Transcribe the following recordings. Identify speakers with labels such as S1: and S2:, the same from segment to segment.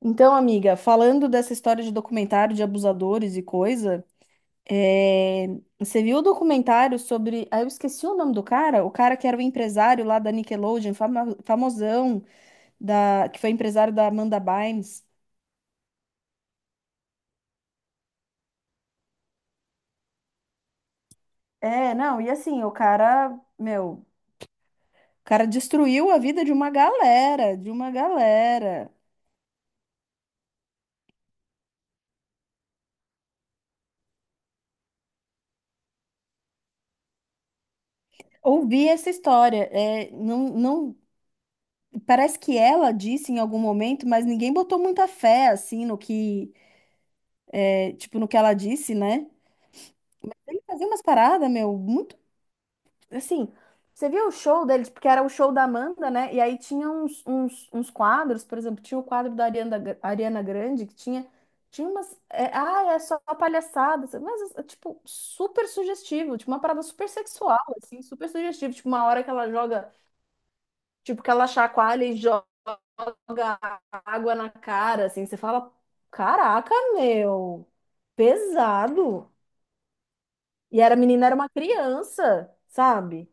S1: Então, amiga, falando dessa história de documentário de abusadores e coisa, é, você viu o documentário sobre. Ah, eu esqueci o nome do cara, o cara que era o empresário lá da Nickelodeon, famosão, da... que foi empresário da Amanda Bynes. É, não, e assim, o cara, meu, o cara destruiu a vida de uma galera, de uma galera. Ouvi essa história, é, não, não, parece que ela disse em algum momento, mas ninguém botou muita fé, assim, no que tipo, no que ela disse, né? Ele fazia umas paradas, meu, muito. Assim, você viu o show deles, porque era o show da Amanda, né? E aí tinha uns, uns quadros, por exemplo, tinha o quadro da Ariana, Ariana Grande, que tinha, tinha umas. É só palhaçada, mas, tipo, super sugestivo, tipo, uma parada super sexual, assim, super sugestivo. Tipo, uma hora que ela joga, tipo, que ela chacoalha e joga água na cara, assim, você fala, caraca, meu, pesado. E era a menina, era uma criança, sabe?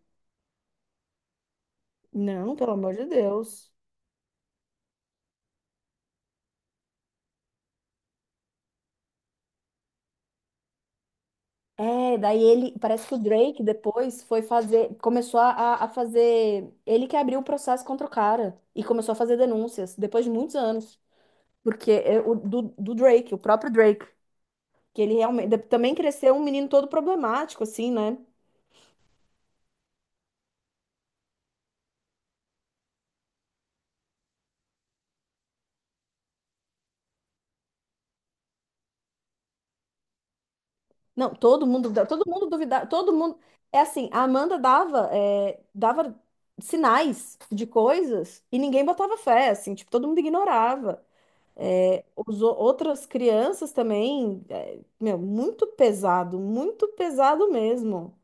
S1: Não, pelo amor de Deus. É, daí ele, parece que o Drake depois foi fazer, começou a fazer, ele que abriu o processo contra o cara e começou a fazer denúncias depois de muitos anos, porque é o do, do Drake, o próprio Drake, que ele realmente também cresceu um menino todo problemático assim, né? Não, todo mundo, todo mundo duvidava, todo mundo. É assim, a Amanda dava, dava sinais de coisas e ninguém botava fé, assim, tipo, todo mundo ignorava. É, outras crianças também, meu, muito pesado mesmo.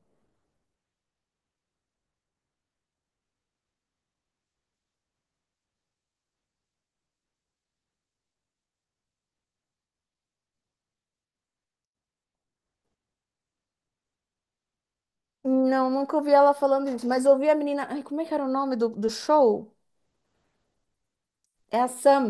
S1: Não, nunca ouvi ela falando isso, mas ouvi a menina. Ai, como é que era o nome do, do show? É a Sam.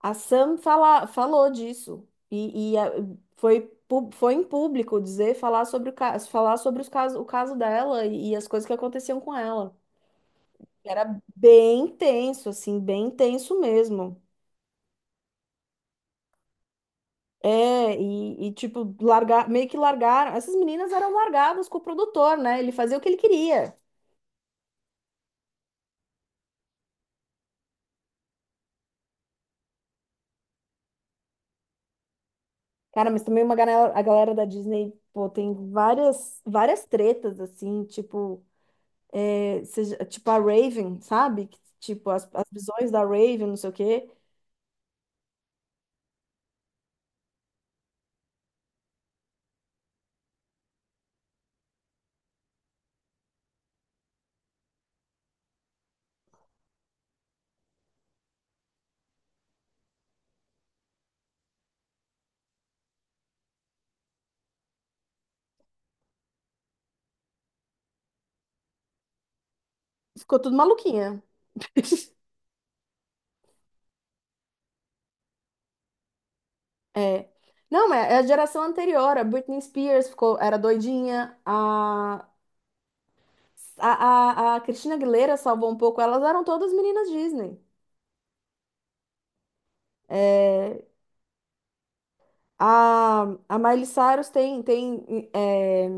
S1: A Sam fala, falou disso e foi, foi em público dizer, falar sobre o caso, falar sobre os casos, o caso dela e as coisas que aconteciam com ela. Era bem tenso, assim, bem tenso mesmo. Tipo, largar, meio que largaram. Essas meninas eram largadas com o produtor, né? Ele fazia o que ele queria. Cara, mas também uma galera, a galera da Disney, pô, tem várias, várias tretas, assim, tipo. É, tipo a Raven, sabe? Que, tipo, as visões da Raven, não sei o quê. Ficou tudo maluquinha. É. Não, é a geração anterior. A Britney Spears ficou, era doidinha. A Christina Aguilera salvou um pouco. Elas eram todas meninas Disney. É, a, a Miley Cyrus tem,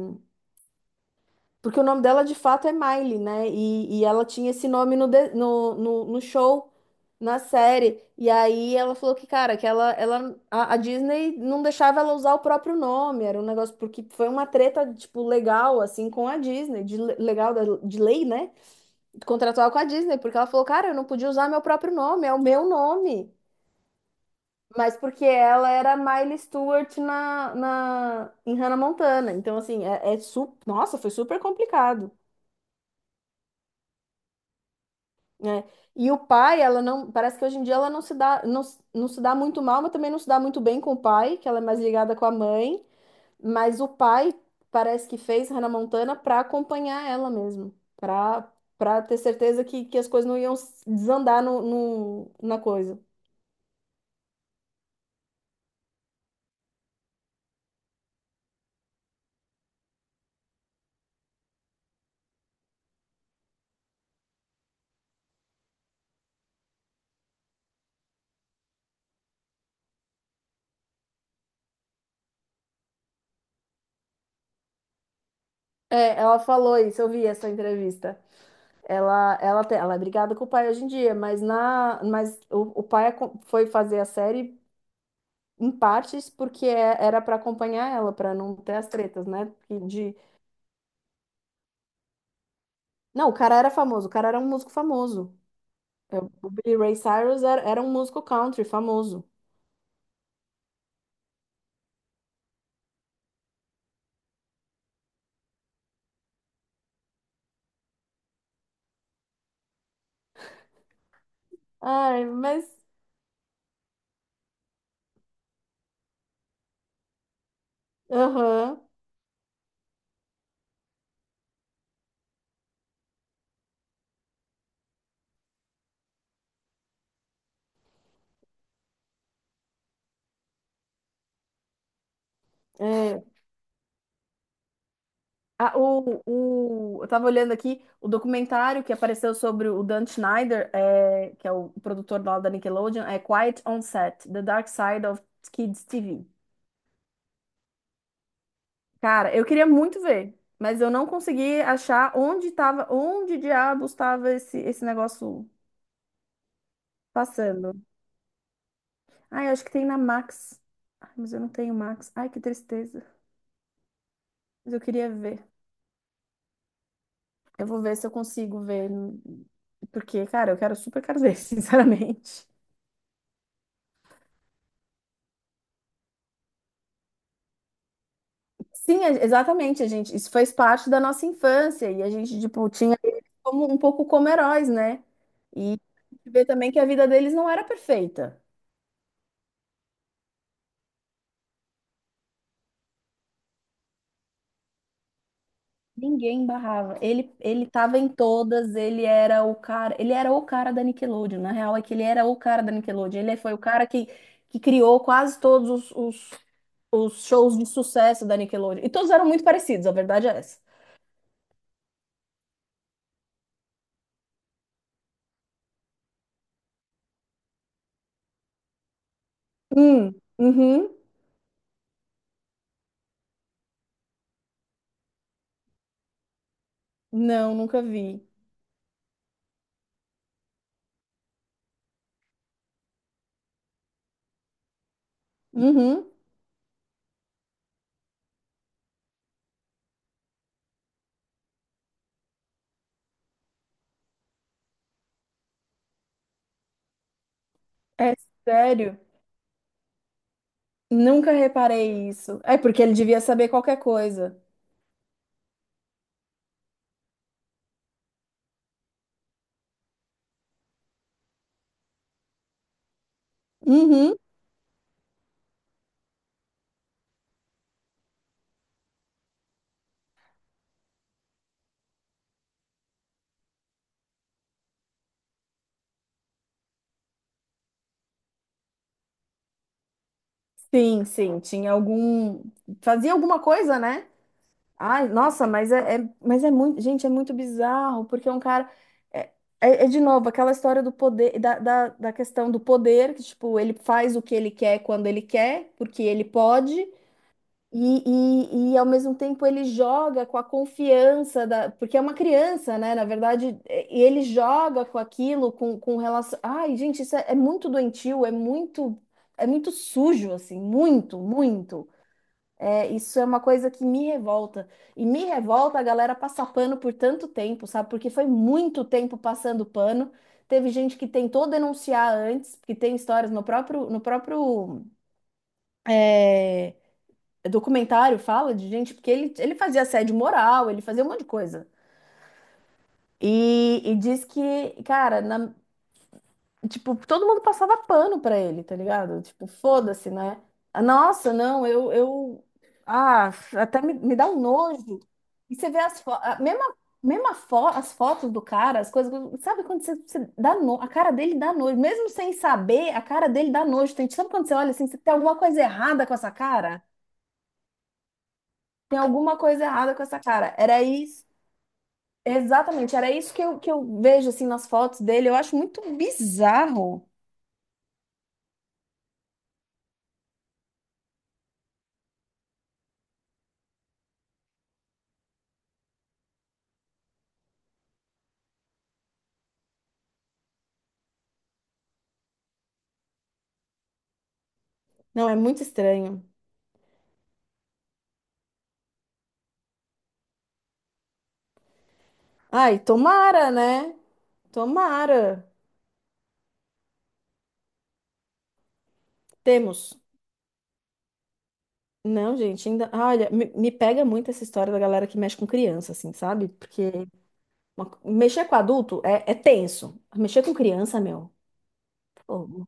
S1: porque o nome dela de fato é Miley, né? E ela tinha esse nome no, no show, na série. E aí ela falou que, cara, que ela, a Disney não deixava ela usar o próprio nome. Era um negócio, porque foi uma treta, tipo, legal, assim, com a Disney, legal, de lei, né? Contratual com a Disney, porque ela falou, cara, eu não podia usar meu próprio nome, é o meu nome. Mas porque ela era Miley Stewart em Hannah Montana. Então, assim, nossa, foi super complicado. Né? E o pai, ela não, parece que hoje em dia ela não se dá, não, não se dá muito mal, mas também não se dá muito bem com o pai, que ela é mais ligada com a mãe, mas o pai parece que fez Hannah Montana para acompanhar ela mesmo, para ter certeza que as coisas não iam desandar no, na coisa. É, ela falou isso, eu vi essa entrevista. Ela é brigada com o pai hoje em dia, mas o pai foi fazer a série em partes porque era pra acompanhar ela, pra não ter as tretas, né? Porque de... Não, o cara era famoso, o cara era um músico famoso. É, o Billy Ray Cyrus era, era um músico country famoso. Ai, mas. Aham. É. Ah, eu tava olhando aqui o documentário que apareceu sobre o Dan Schneider, é, que é o produtor lá da Nickelodeon, é Quiet on Set, The Dark Side of Kids TV. Cara, eu queria muito ver, mas eu não consegui achar onde tava, onde diabos estava esse, esse negócio passando. Ai, acho que tem na Max. Ai, mas eu não tenho Max. Ai, que tristeza. Mas eu queria ver. Eu vou ver se eu consigo ver. Porque, cara, eu quero super quero ver, sinceramente. Sim, exatamente, a gente. Isso fez parte da nossa infância e a gente, tipo, tinha eles como um pouco como heróis, né? E ver também que a vida deles não era perfeita. Ninguém barrava. Ele tava em todas, ele era o cara, ele era o cara da Nickelodeon. Na real é que ele era o cara da Nickelodeon. Ele foi o cara que criou quase todos os, os shows de sucesso da Nickelodeon. E todos eram muito parecidos, a verdade é essa. Uhum. Não, nunca vi. Uhum. É sério? Nunca reparei isso. É porque ele devia saber qualquer coisa. Uhum. Sim, sim, tinha algum. Fazia alguma coisa, né? Ai, nossa, mas mas é muito, gente, é muito bizarro, porque é um cara. É, de novo aquela história do poder, da questão do poder, que tipo, ele faz o que ele quer quando ele quer, porque ele pode, e, e ao mesmo tempo ele joga com a confiança da. Porque é uma criança, né? Na verdade, é, e ele joga com aquilo, com relação. Ai, gente, é muito doentio, é muito sujo, assim, muito, muito. É, isso é uma coisa que me revolta. E me revolta a galera passar pano por tanto tempo, sabe? Porque foi muito tempo passando pano. Teve gente que tentou denunciar antes, que tem histórias no próprio, no próprio é, documentário, fala de gente, porque ele fazia assédio moral, ele fazia um monte de coisa. E diz que, cara, na, tipo, todo mundo passava pano pra ele, tá ligado? Tipo, foda-se, né? Ah, nossa, não, eu... Ah, até me dá um nojo. E você vê as fotos, mesma, mesma fo as fotos do cara, as coisas... Sabe quando você dá no... A cara dele dá nojo. Mesmo sem saber, a cara dele dá nojo. Tem, sabe quando você olha assim, você tem alguma coisa errada com essa cara? Tem alguma coisa errada com essa cara. Era isso... Exatamente, era isso que que eu vejo, assim, nas fotos dele. Eu acho muito bizarro. Não, é muito estranho. Ai, tomara, né? Tomara. Temos. Não, gente, ainda. Ah, olha, me pega muito essa história da galera que mexe com criança, assim, sabe? Porque mexer com adulto é tenso. Mexer com criança, meu, pô,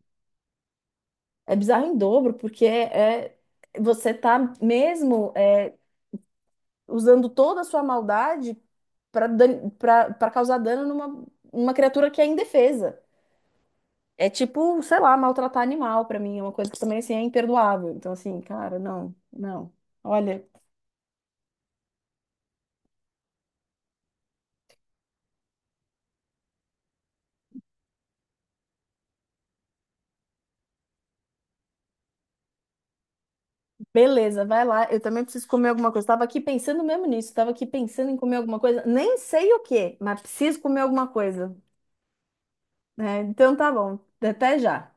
S1: é bizarro em dobro, porque você tá mesmo é, usando toda a sua maldade para para causar dano numa uma criatura que é indefesa. É tipo, sei lá, maltratar animal pra mim, é uma coisa que também assim é imperdoável. Então assim, cara, não, não. Olha, beleza, vai lá. Eu também preciso comer alguma coisa. Tava aqui pensando mesmo nisso. Tava aqui pensando em comer alguma coisa. Nem sei o que mas preciso comer alguma coisa, né? Então tá bom. Até já.